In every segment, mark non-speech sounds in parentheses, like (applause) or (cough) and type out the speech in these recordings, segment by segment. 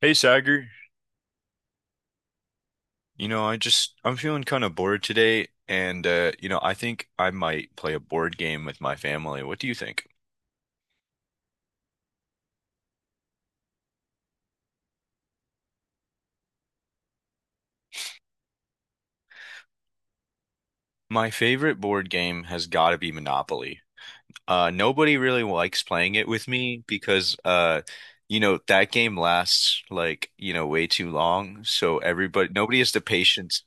Hey Sagar, you know, I just I'm feeling kind of bored today and you know, I think I might play a board game with my family. What do you think? My favorite board game has got to be Monopoly. Nobody really likes playing it with me because you know, that game lasts like, you know, way too long, so everybody nobody has the patience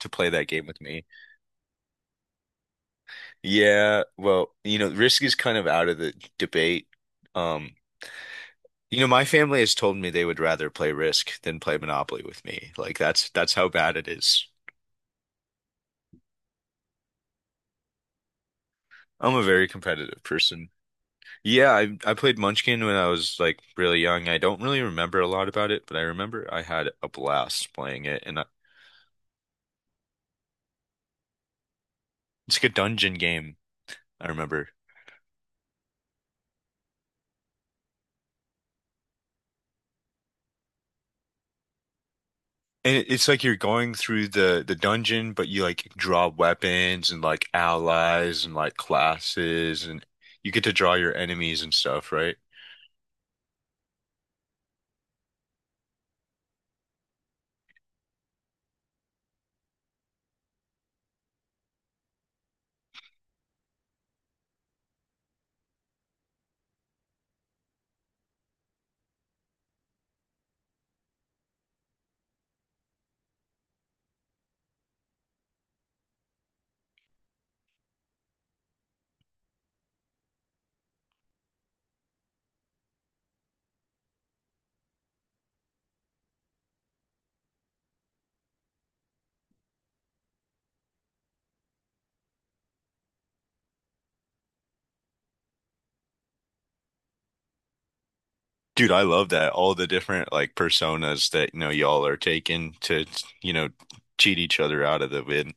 to play that game with me. Yeah, well, you know, Risk is kind of out of the debate. Um You know, my family has told me they would rather play Risk than play Monopoly with me. Like that's how bad it is. I'm a very competitive person. Yeah, I played Munchkin when I was like really young. I don't really remember a lot about it, but I remember I had a blast playing it and I, it's like a dungeon game, I remember. And it's like you're going through the dungeon, but you like draw weapons and like allies and like classes and you get to draw your enemies and stuff, right? Dude, I love that. All the different like personas that, you know, y'all are taking to, you know, cheat each other out of the win.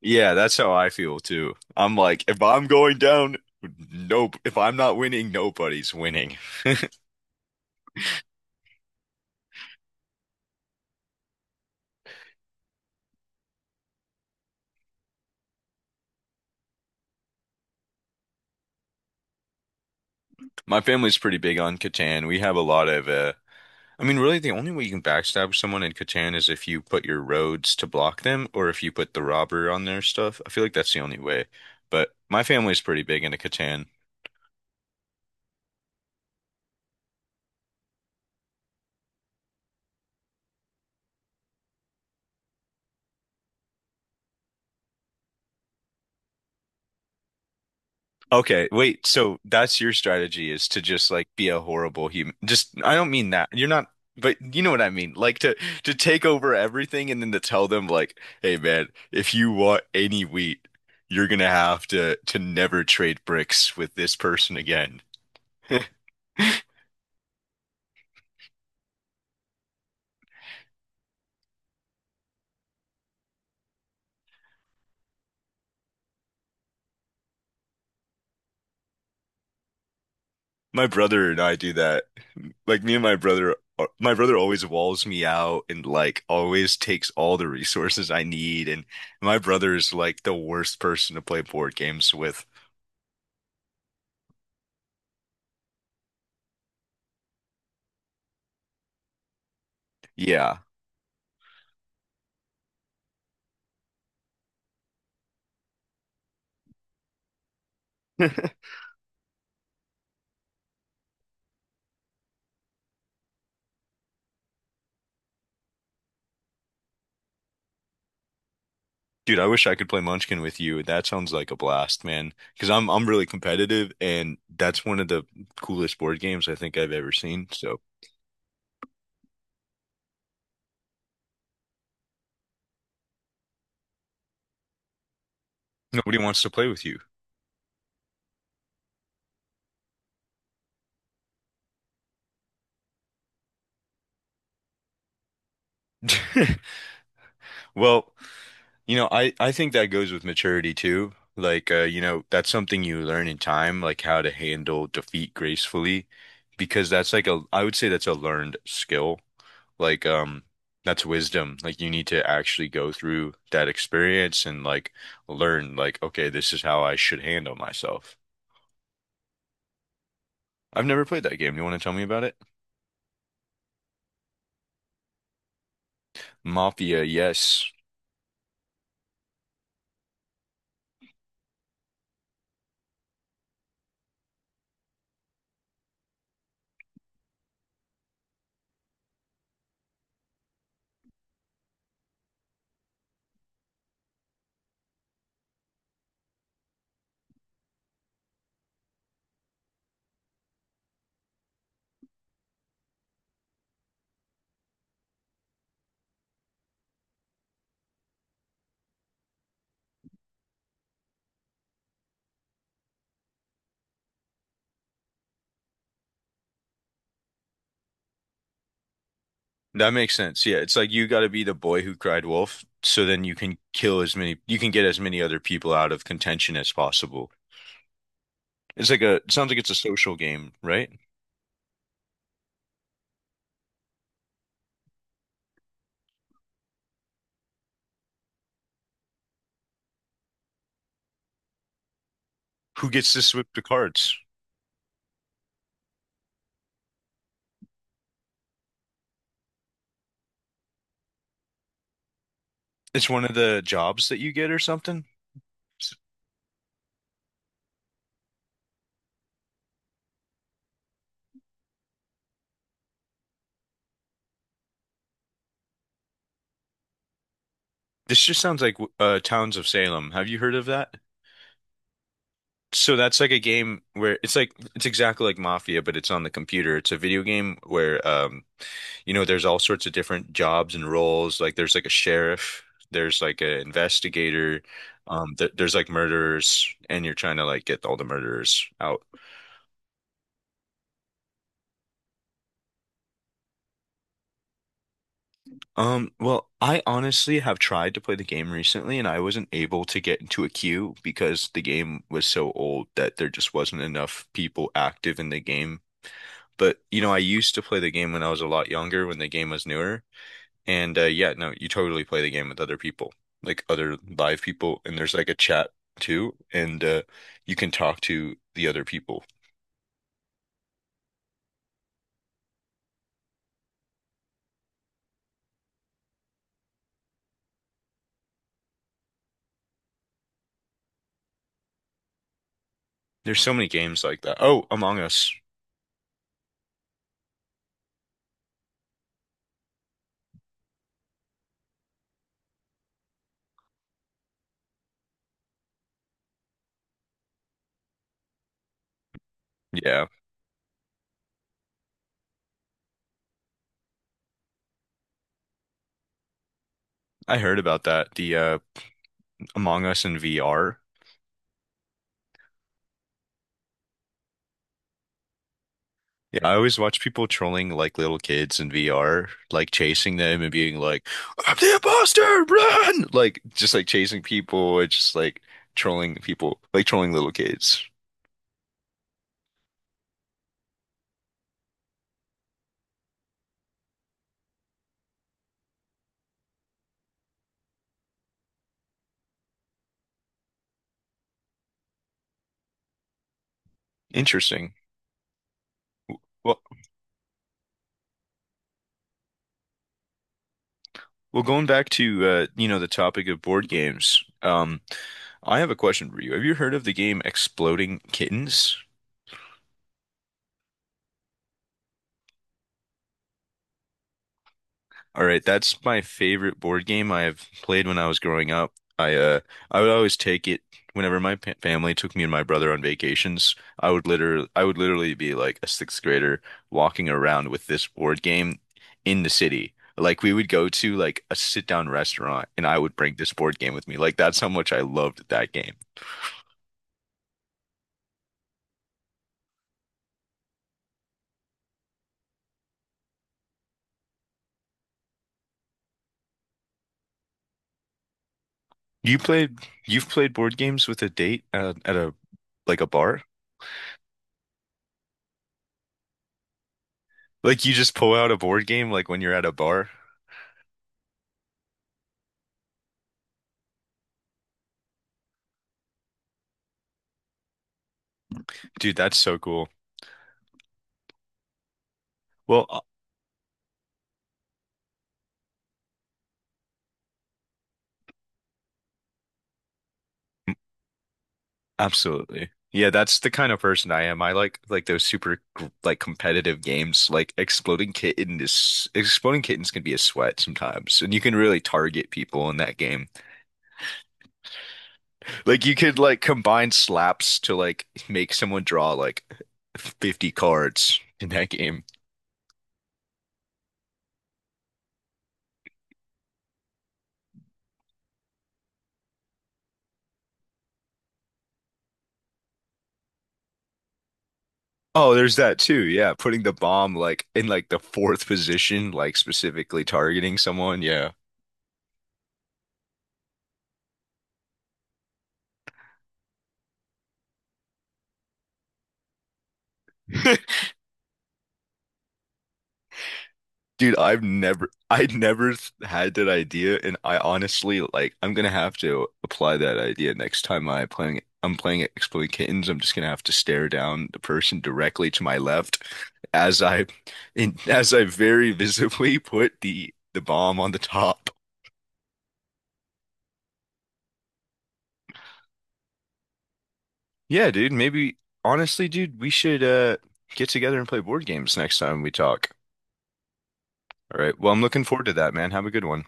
Yeah, that's how I feel too. I'm like, if I'm going down, nope. If I'm not winning, nobody's winning. My family's pretty big on Catan. We have a lot of, I mean, really the only way you can backstab someone in Catan is if you put your roads to block them or if you put the robber on their stuff. I feel like that's the only way. But my family's pretty big into Catan. Okay, wait. So that's your strategy is to just like be a horrible human. Just I don't mean that. You're not, but you know what I mean. Like to take over everything and then to tell them like, "Hey man, if you want any wheat, you're gonna have to never trade bricks with this person again." (laughs) My brother and I do that. Like me and my brother always walls me out and like always takes all the resources I need. And my brother is like the worst person to play board games with. Yeah. Dude, I wish I could play Munchkin with you. That sounds like a blast, man. Because I'm really competitive, and that's one of the coolest board games I think I've ever seen. So nobody wants to play with you. (laughs) Well, you know, I think that goes with maturity too. Like, you know, that's something you learn in time, like how to handle defeat gracefully, because that's like a I would say that's a learned skill. Like, that's wisdom. Like, you need to actually go through that experience and like learn, like, okay, this is how I should handle myself. I've never played that game. You want to tell me about it? Mafia, yes. That makes sense. Yeah, it's like you got to be the boy who cried wolf, so then you can kill as many, you can get as many other people out of contention as possible. It's like a, it sounds like it's a social game, right? Who gets to sweep the cards? It's one of the jobs that you get or something. This just sounds like Towns of Salem. Have you heard of that? So that's like a game where it's like it's exactly like Mafia, but it's on the computer. It's a video game where you know there's all sorts of different jobs and roles. Like there's like a sheriff, there's like an investigator, th there's like murderers, and you're trying to like get all the murderers out. Well, I honestly have tried to play the game recently and I wasn't able to get into a queue because the game was so old that there just wasn't enough people active in the game. But you know, I used to play the game when I was a lot younger, when the game was newer. And yeah, no, you totally play the game with other people, like other live people, and there's like a chat too, and you can talk to the other people. There's so many games like that. Oh, Among Us. Yeah, I heard about that. The Among Us in VR. Yeah, I always watch people trolling like little kids in VR, like chasing them and being like, "I'm the imposter, run!" Like just like chasing people and just like trolling people, like trolling little kids. Interesting. Well, well, going back to you know, the topic of board games. I have a question for you. Have you heard of the game Exploding Kittens? All right, that's my favorite board game I've played when I was growing up. I uh I would always take it whenever my pa family took me and my brother on vacations. I would literally be like a sixth grader walking around with this board game in the city. Like we would go to like a sit down restaurant and I would bring this board game with me. Like that's how much I loved that game. You played you've played board games with a date at a like a bar? Like you just pull out a board game like when you're at a bar? Dude, that's so cool. Well, absolutely. Yeah, that's the kind of person I am. I like those super like competitive games. Like Exploding Kittens can be a sweat sometimes, and you can really target people in that game. Like you could like combine slaps to like make someone draw like 50 cards in that game. Oh, there's that too. Yeah, putting the bomb like in like the fourth position, like specifically targeting someone. Yeah. (laughs) Dude, I've never, I never had that idea, and I honestly like. I'm gonna have to apply that idea next time I'm playing Exploding Kittens. I'm just gonna have to stare down the person directly to my left as I, as I very visibly put the bomb on the top. Yeah, dude. Dude, we should get together and play board games next time we talk. All right. Well, I'm looking forward to that, man. Have a good one.